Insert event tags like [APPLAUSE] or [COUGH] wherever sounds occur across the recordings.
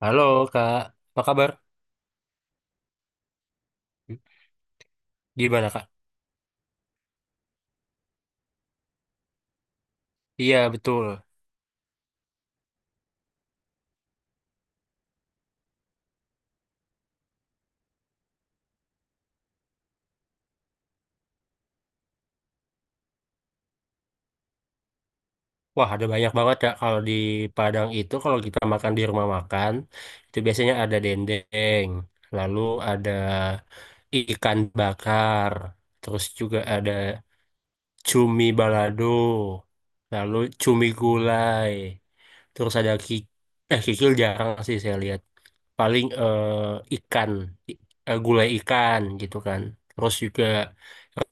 Halo Kak, apa kabar? Gimana Kak? Iya betul. Wah ada banyak banget Kak, kalau di Padang itu kalau kita makan di rumah makan itu biasanya ada dendeng, lalu ada ikan bakar, terus juga ada cumi balado, lalu cumi gulai, terus ada kikil, jarang sih saya lihat. Paling ikan, i- gulai ikan gitu kan. Terus juga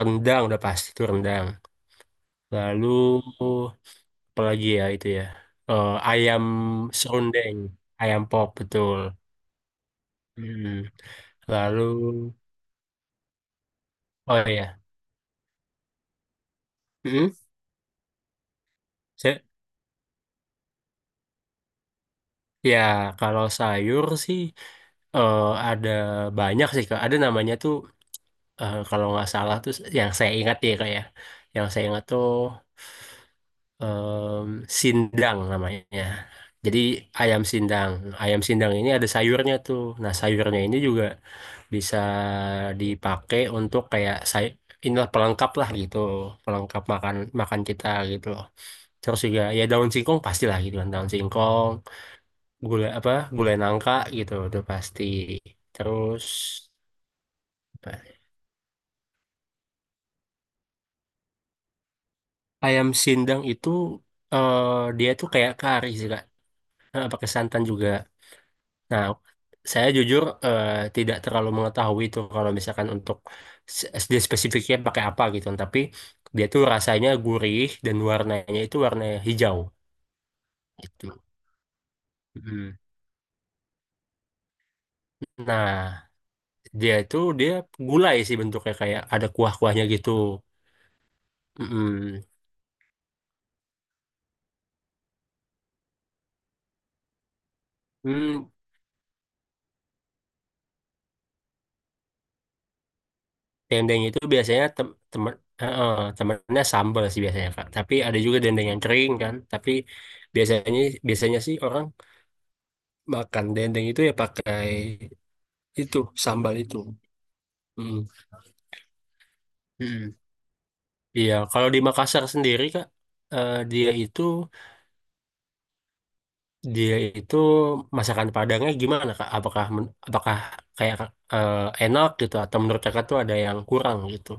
rendang udah pasti itu rendang. Lalu apalagi ya itu ya. Ayam serundeng, ayam pop betul. Hmm. Lalu oh ya. Hmm. Saya, ya kalau sayur sih, eh, ada banyak sih Kak. Ada namanya tuh, kalau nggak salah tuh, yang saya ingat ya Kak ya. Yang saya ingat tuh, sindang namanya. Jadi ayam sindang. Ayam sindang ini ada sayurnya tuh. Nah, sayurnya ini juga bisa dipakai untuk, kayak saya, inilah pelengkap lah gitu, pelengkap makan makan kita gitu loh. Terus juga ya, daun singkong pastilah gitu kan, daun singkong, gula apa, gulai nangka gitu udah pasti. Terus apa, ya, ayam sindang itu, eh, dia tuh kayak kari sih Kak. Pakai santan juga. Nah, saya jujur tidak terlalu mengetahui itu, kalau misalkan untuk SD spesifiknya pakai apa gitu. Tapi dia tuh rasanya gurih dan warnanya itu warna hijau gitu. Mm. Nah, dia itu dia gulai sih bentuknya, kayak ada kuah-kuahnya gitu. Mm-mm. Hmm, dendeng itu biasanya eh, eh, temennya sambal sih biasanya Kak. Tapi ada juga dendeng yang kering kan. Tapi biasanya biasanya sih orang makan dendeng itu ya pakai itu sambal itu. Mm. mm Iya, kalau di Makassar sendiri Kak, eh, dia itu dia itu masakan Padangnya gimana Kak? Apakah apakah kayak eh, enak gitu, atau menurut Kakak tuh ada yang kurang gitu?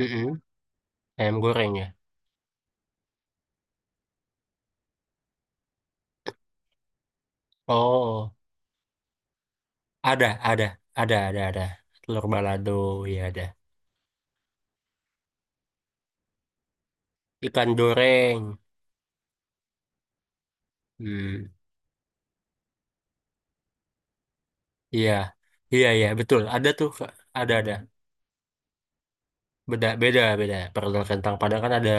Mm-mm. Ayam goreng ya? Oh, ada, ada, ada, ada. Telur balado, ya ada. Ikan goreng. Hmm. Iya, iya, iya, betul. Ada tuh, Kak. Ada, ada. Beda, beda, beda. Perkedel kentang Padang kan ada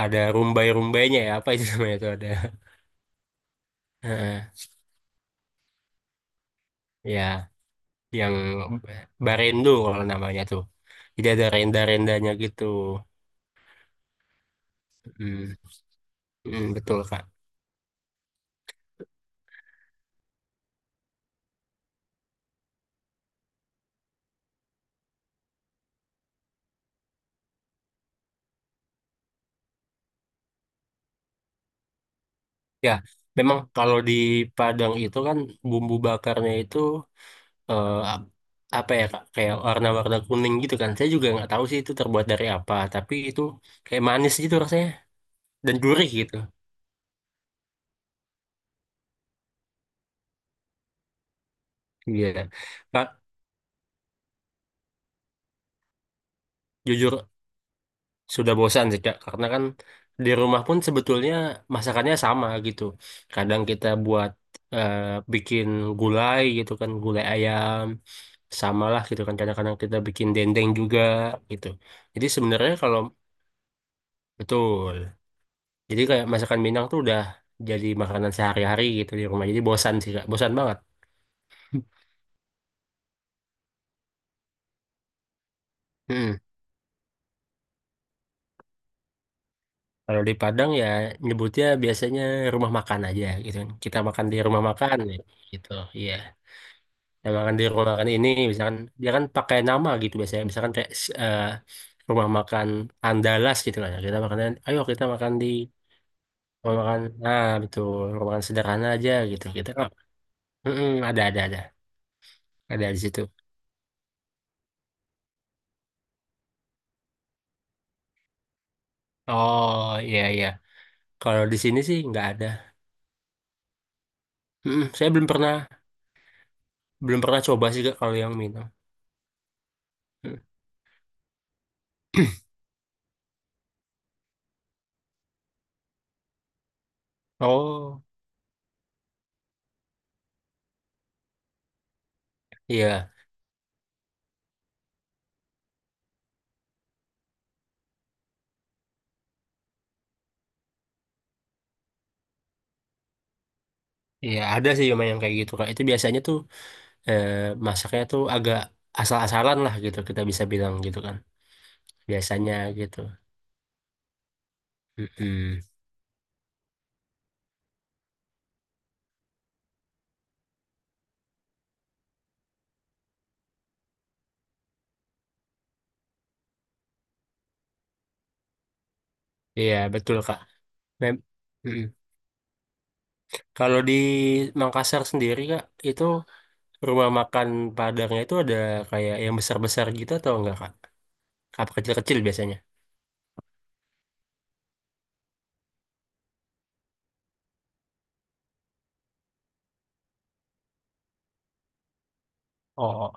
ada rumbai-rumbainya ya. Apa itu [LAUGHS] namanya itu ada. Heeh, ya, yang barendo kalau namanya tuh. Jadi ada renda-rendanya gitu. Hmm, hmm, betul Kak. Ya, memang kalau di Padang itu kan bumbu bakarnya itu, eh, ap- apa ya Kak? Kayak warna-warna kuning gitu kan. Saya juga nggak tahu sih itu terbuat dari apa, tapi itu kayak manis gitu rasanya dan gurih gitu. Iya. Kak, jujur sudah bosan sih Kak, karena kan di rumah pun sebetulnya masakannya sama gitu, kadang kita eh, bikin gulai gitu kan, gulai ayam, sama lah gitu kan, kadang-kadang kita bikin dendeng juga gitu, jadi sebenarnya kalau, betul, jadi kayak masakan Minang tuh udah jadi makanan sehari-hari gitu di rumah, jadi bosan sih Kak, bosan banget. mm Kalau di Padang ya, nyebutnya biasanya rumah makan aja gitu kan. Kita makan di rumah makan ya, gitu. Iya. Dagangan di rumah makan ini, misalkan dia kan pakai nama gitu biasanya. Misalkan kayak eh, rumah makan Andalas gitu kan, ya. Kita makannya, "Ayo kita makan di rumah makan," nah betul, rumah makan sederhana aja gitu. Kita kan, "Mm-mm, ada di situ." Oh iya iya. Kalau di sini sih nggak ada. Mm-mm, saya belum pernah coba sih Kak, kalau yang minum. Mm. [CLEARS THROAT] Oh iya iya, ada sih memang yang kayak gitu Kak. Itu biasanya tuh, eh, masaknya tuh agak asal-asalan lah gitu, kita bisa bilang gitu kan. Biasanya gitu. Mm-mm. Iya, betul, Kak. Mem Mm-mm. Kalau di Makassar sendiri, Kak, itu rumah makan Padangnya itu ada kayak yang besar-besar gitu atau enggak, Kak? Apa kecil-kecil biasanya? Oh,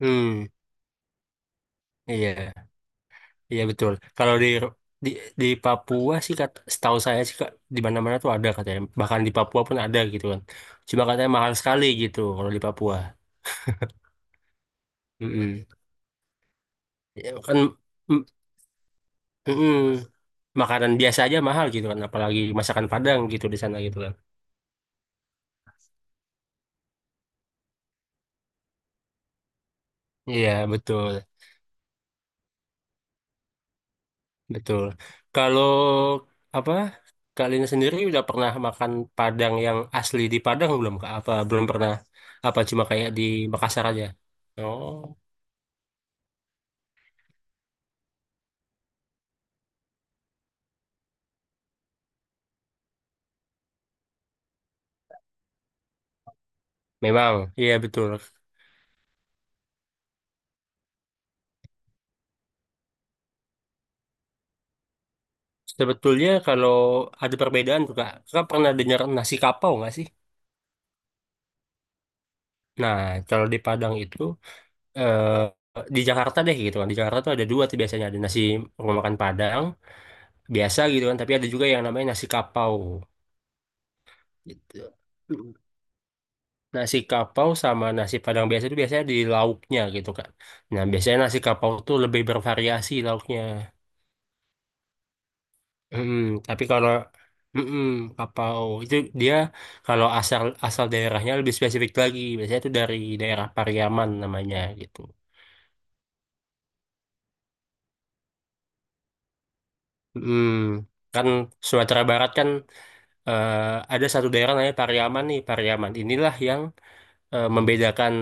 hmm, iya, iya betul. Kalau di di di Papua sih, kata, setahu saya sih Kak, di mana-mana tuh ada katanya. Bahkan di Papua pun ada gitu kan. Cuma katanya mahal sekali gitu kalau di Papua. Mm-mm. Ya, kan, mm, mm-mm. Makanan biasa aja mahal gitu kan, apalagi masakan Padang gitu di sana gitu kan. Iya betul betul. Kalau apa, kalian sendiri udah pernah makan Padang yang asli di Padang belum Kak? Apa belum pernah, apa cuma kayak di Makassar aja? Oh, memang iya betul, sebetulnya kalau ada perbedaan tuh Kak, Kakak pernah dengar nasi kapau nggak sih? Nah, kalau di Padang itu, eh, di Jakarta deh gitu kan, di Jakarta tuh ada dua tuh biasanya, ada nasi rumah makan Padang biasa gitu kan, tapi ada juga yang namanya nasi kapau gitu. Nasi kapau sama nasi Padang biasa itu biasanya di lauknya gitu kan, nah biasanya nasi kapau tuh lebih bervariasi lauknya. Mm-mm. Tapi kalau, mm-mm, kapau itu dia, kalau asal asal daerahnya lebih spesifik lagi biasanya itu dari daerah Pariaman namanya gitu. Mm. Kan Sumatera Barat kan, eh, ada satu daerah namanya Pariaman, nih Pariaman inilah yang membedakan,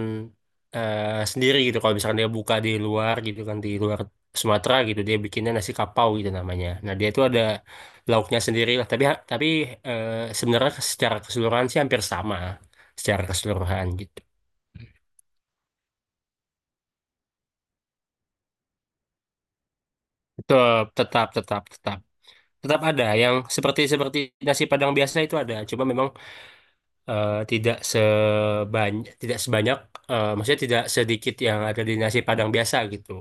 sendiri gitu, kalau misalkan dia buka di luar gitu kan, di luar Sumatera gitu, dia bikinnya nasi kapau gitu namanya. Nah dia itu ada lauknya sendiri lah, tapi eh, sebenarnya secara keseluruhan sih hampir sama, secara keseluruhan gitu. Tetap tetap tetap tetap tetap ada yang seperti seperti nasi Padang biasa itu ada, cuma memang tidak sebanyak, maksudnya tidak sedikit yang ada di nasi Padang biasa gitu.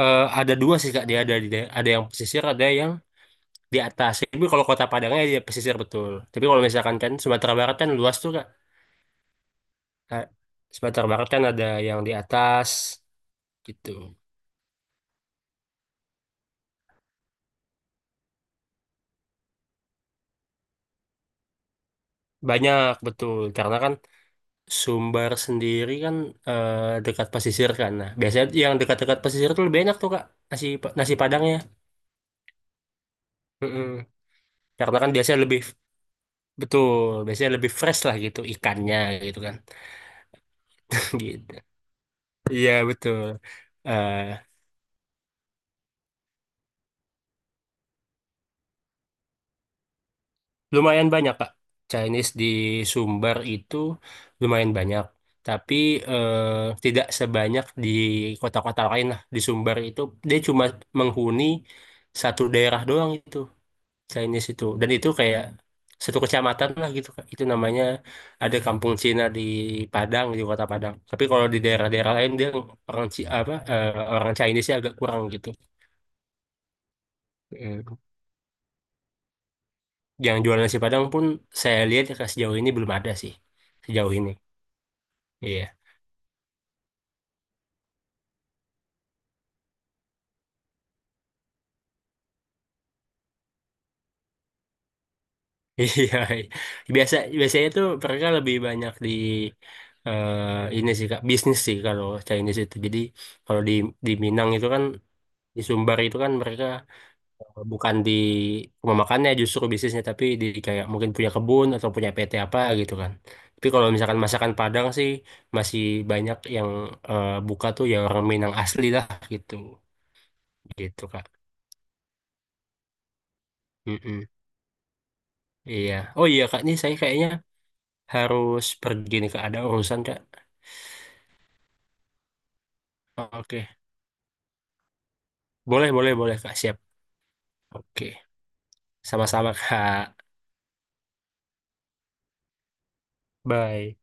Ada dua sih Kak, dia ada di ada yang pesisir, ada yang di atas. Tapi kalau Kota Padangnya dia pesisir betul. Tapi kalau misalkan kan Sumatera Barat kan luas tuh Kak. Nah, Sumatera Barat kan ada yang di atas gitu. Banyak betul, karena kan Sumbar sendiri kan dekat pesisir kan. Nah, biasanya yang dekat-dekat pesisir tuh lebih enak tuh Kak, nasi nasi Padangnya. Mm-mm. Karena kan biasanya lebih, betul, biasanya lebih fresh lah gitu ikannya gitu kan. [LAUGHS] Gitu. Iya betul. Eh, Lumayan banyak, Kak. Chinese di Sumbar itu lumayan banyak. Tapi tidak sebanyak di kota-kota lain lah. Di Sumbar itu dia cuma menghuni satu daerah doang itu, Chinese itu. Dan itu kayak satu kecamatan lah gitu, Kak. Itu namanya ada Kampung Cina di Padang, di kota Padang. Tapi kalau di daerah-daerah lain, dia orang Ci- apa eh, orang Chinese-nya agak kurang gitu. Eh, Yang jualan nasi Padang pun, saya lihat ya, sejauh ini belum ada sih. Sejauh ini. Iya, [LAUGHS] iya. Biasanya tuh mereka lebih banyak di ini sih Kak, bisnis sih kalau Chinese itu. Jadi kalau di Minang itu kan, di Sumbar itu kan, mereka bukan di rumah makannya justru bisnisnya, tapi di kayak mungkin punya kebun atau punya PT apa gitu kan. Tapi kalau misalkan masakan Padang sih masih banyak yang buka tuh, ya orang Minang asli lah gitu. Gitu Kak. Mm-mm. Iya. Oh iya Kak, nih saya kayaknya harus pergi nih Kak. Ada urusan Kak. Oke, boleh, boleh, boleh, Kak. Siap. Oke, sama-sama, Kak. Bye.